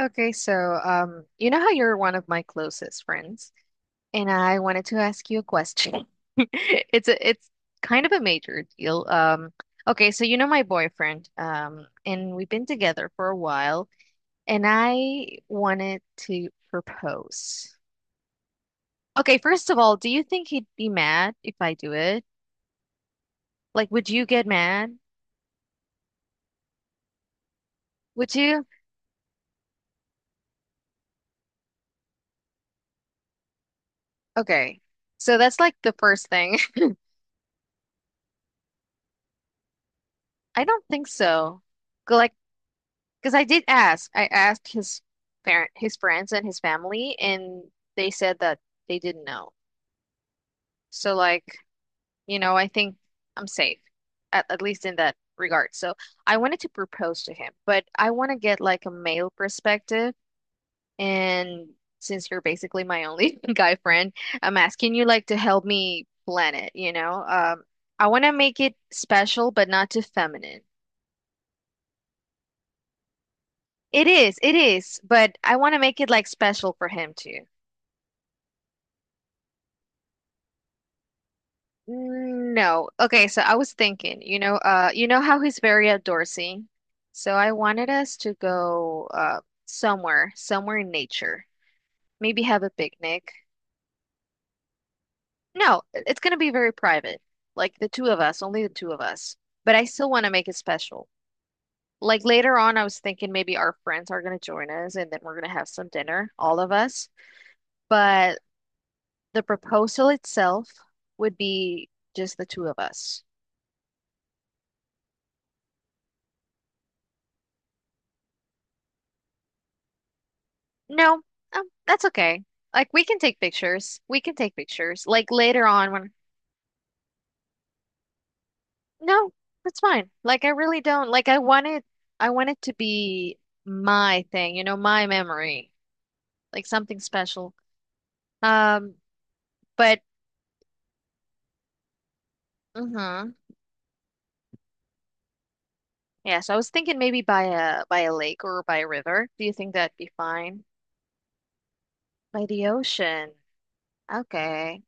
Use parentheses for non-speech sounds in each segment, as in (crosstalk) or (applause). You know how you're one of my closest friends, and I wanted to ask you a question. (laughs) It's kind of a major deal. Okay, so you know my boyfriend, and we've been together for a while, and I wanted to propose. Okay, first of all, do you think he'd be mad if I do it? Like, would you get mad? Would you? Okay, so that's like the first thing. (laughs) I don't think so. Like, because I did ask. I asked his parent, his friends and his family, and they said that they didn't know. So like, I think I'm safe, at least in that regard. So I wanted to propose to him, but I want to get like a male perspective. And since you're basically my only (laughs) guy friend, I'm asking you like to help me plan it, I want to make it special, but not too feminine. It is, but I want to make it like special for him too. No. Okay, so I was thinking, you know how he's very outdoorsy. So I wanted us to go somewhere in nature. Maybe have a picnic. No, it's gonna be very private. Like the two of us, only the two of us. But I still want to make it special. Like later on, I was thinking maybe our friends are gonna join us and then we're gonna have some dinner, all of us. But the proposal itself would be just the two of us. No, that's okay. Like we can take pictures. We can take pictures. Like later on when no, that's fine. Like, I really don't, I want it to be my thing, you know, my memory. Like something special. Um, but mm-hmm. Yeah, so I was thinking maybe by a lake or by a river. Do you think that'd be fine? By the ocean. Okay.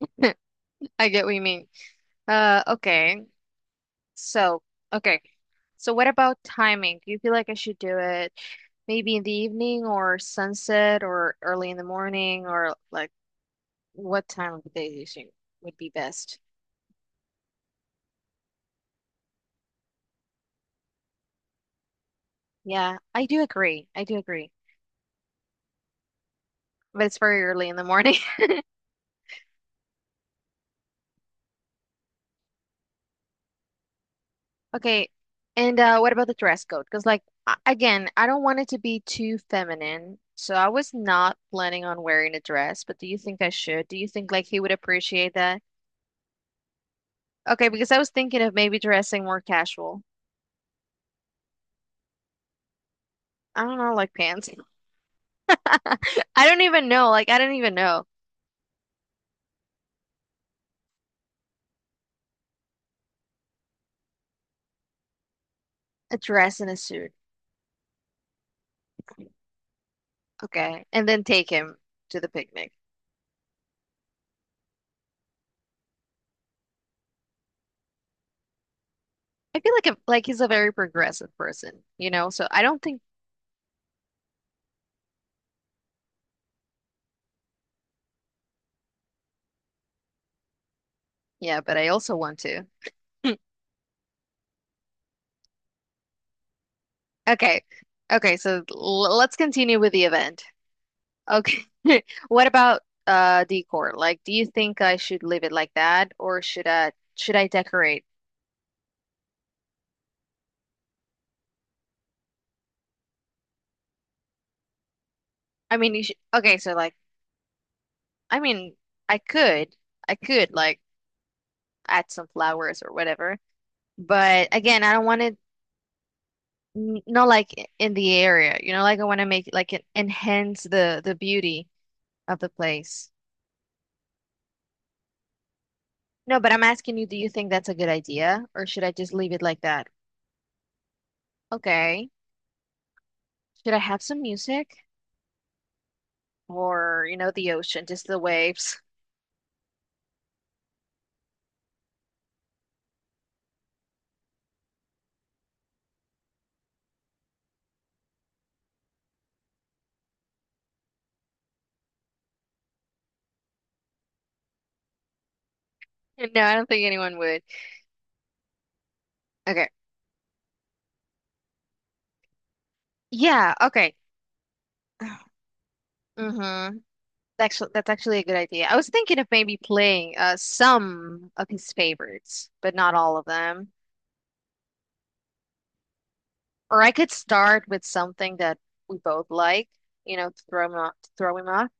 (laughs) I get what you mean. Uh, okay. So, okay. So what about timing? Do you feel like I should do it maybe in the evening or sunset or early in the morning or like what time of the day do you think would be best? Yeah, I do agree. I do agree. But it's very early in the morning. (laughs) Okay. And what about the dress code? Because again, I don't want it to be too feminine. So I was not planning on wearing a dress, but do you think I should? Do you think like he would appreciate that? Okay, because I was thinking of maybe dressing more casual. I don't know, like pants. (laughs) I don't even know. Like, I don't even know. A dress and a suit. Okay. And then take him to the picnic. I feel like he's a very progressive person, you know? So I don't think, yeah, but I also want to. (laughs) Okay. Okay, so l let's continue with the event. Okay. (laughs) What about decor? Like, do you think I should leave it like that or should I decorate? I mean, you should, okay, so like I mean, I could I could like add some flowers or whatever. But again, I don't want it not like in the area, you know, like I want to make like enhance the beauty of the place. No, but I'm asking you, do you think that's a good idea or should I just leave it like that? Okay. Should I have some music or, you know, the ocean, just the waves? (laughs) No, I don't think anyone would. Okay. Yeah, okay. (sighs) Mm-hmm. Actually, that's actually a good idea. I was thinking of maybe playing some of his favorites, but not all of them. Or I could start with something that we both like, you know, to throw him off,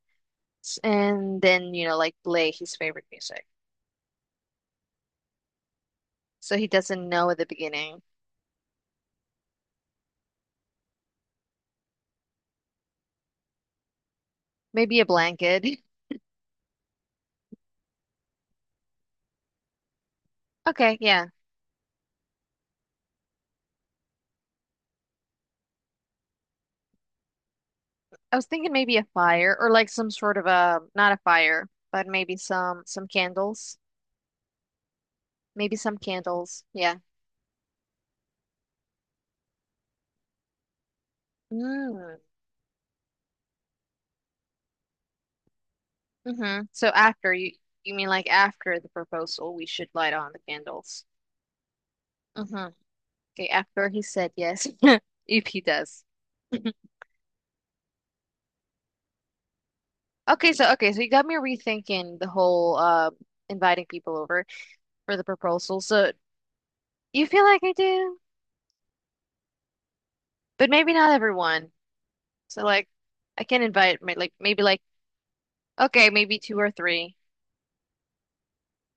and then, you know, like play his favorite music. So he doesn't know at the beginning. Maybe a blanket. (laughs) Okay, yeah. I was thinking maybe a fire or like some sort of a, not a fire, but maybe some candles. Maybe some candles. Yeah. Mm. hmm So after you you mean like after the proposal, we should light on the candles. Mm-hmm. Okay, after he said yes, (laughs) if he does. (laughs) Okay, so you got me rethinking the whole inviting people over for the proposal. So you feel like I do, but maybe not everyone. So like I can invite my like, maybe like, okay, maybe two or three.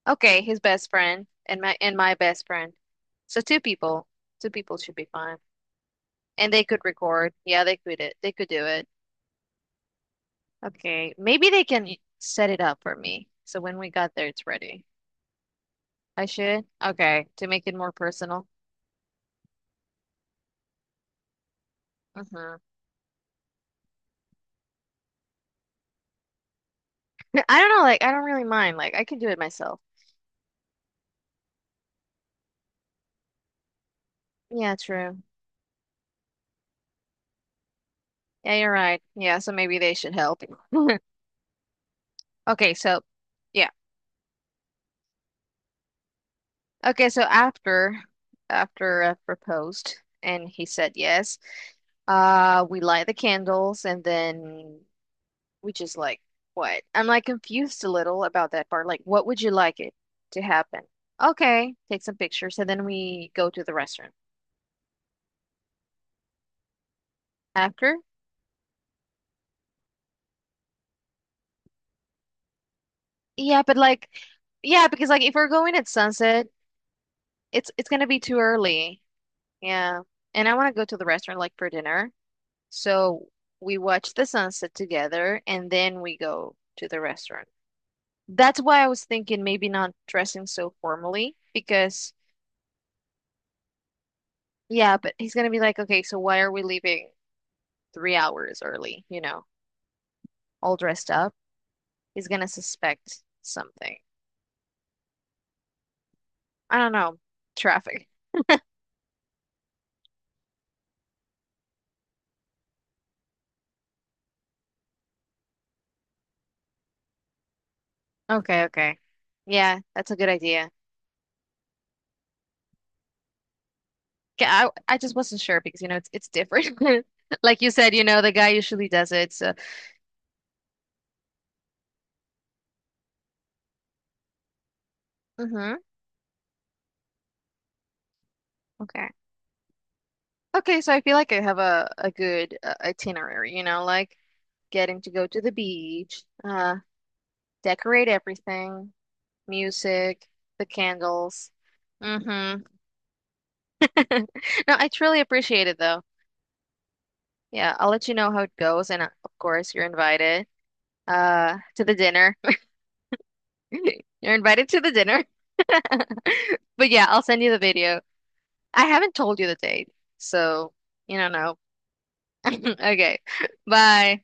Okay, his best friend and my best friend. So two people. Two people should be fine. And they could record. Yeah, they could it. They could do it. Okay, maybe they can set it up for me. So when we got there, it's ready. I should? Okay, to make it more personal. Hmm I don't know, like I don't really mind. Like I can do it myself. Yeah, true. Yeah, you're right. Yeah, so maybe they should help. (laughs) Okay, so yeah. Okay, so after after I proposed and he said yes, we light the candles and then we just like what? I'm like confused a little about that part. Like what would you like it to happen? Okay, take some pictures and then we go to the restaurant. After? Yeah, but, like, yeah, because like if we're going at sunset it's it's gonna be too early. Yeah. And I wanna go to the restaurant like for dinner. So we watch the sunset together and then we go to the restaurant. That's why I was thinking maybe not dressing so formally because yeah, but he's gonna be like, okay, so why are we leaving 3 hours early, you know, all dressed up? He's gonna suspect something. I don't know. Traffic. Okay, okay. Yeah, that's a good idea. Okay, I just wasn't sure because you know it's different. (laughs) Like you said, you know, the guy usually does it. So, hmm Okay. Okay, so I feel like I have a good itinerary, you know, like getting to go to the beach, decorate everything, music, the candles. Mm-hmm. (laughs) No, I truly appreciate it though. Yeah, I'll let you know how it goes, and of course, you're invited to the dinner. (laughs) You're invited to the dinner. (laughs) But yeah, I'll send you the video. I haven't told you the date, so you don't know. (clears throat) (laughs) Okay, (laughs) bye.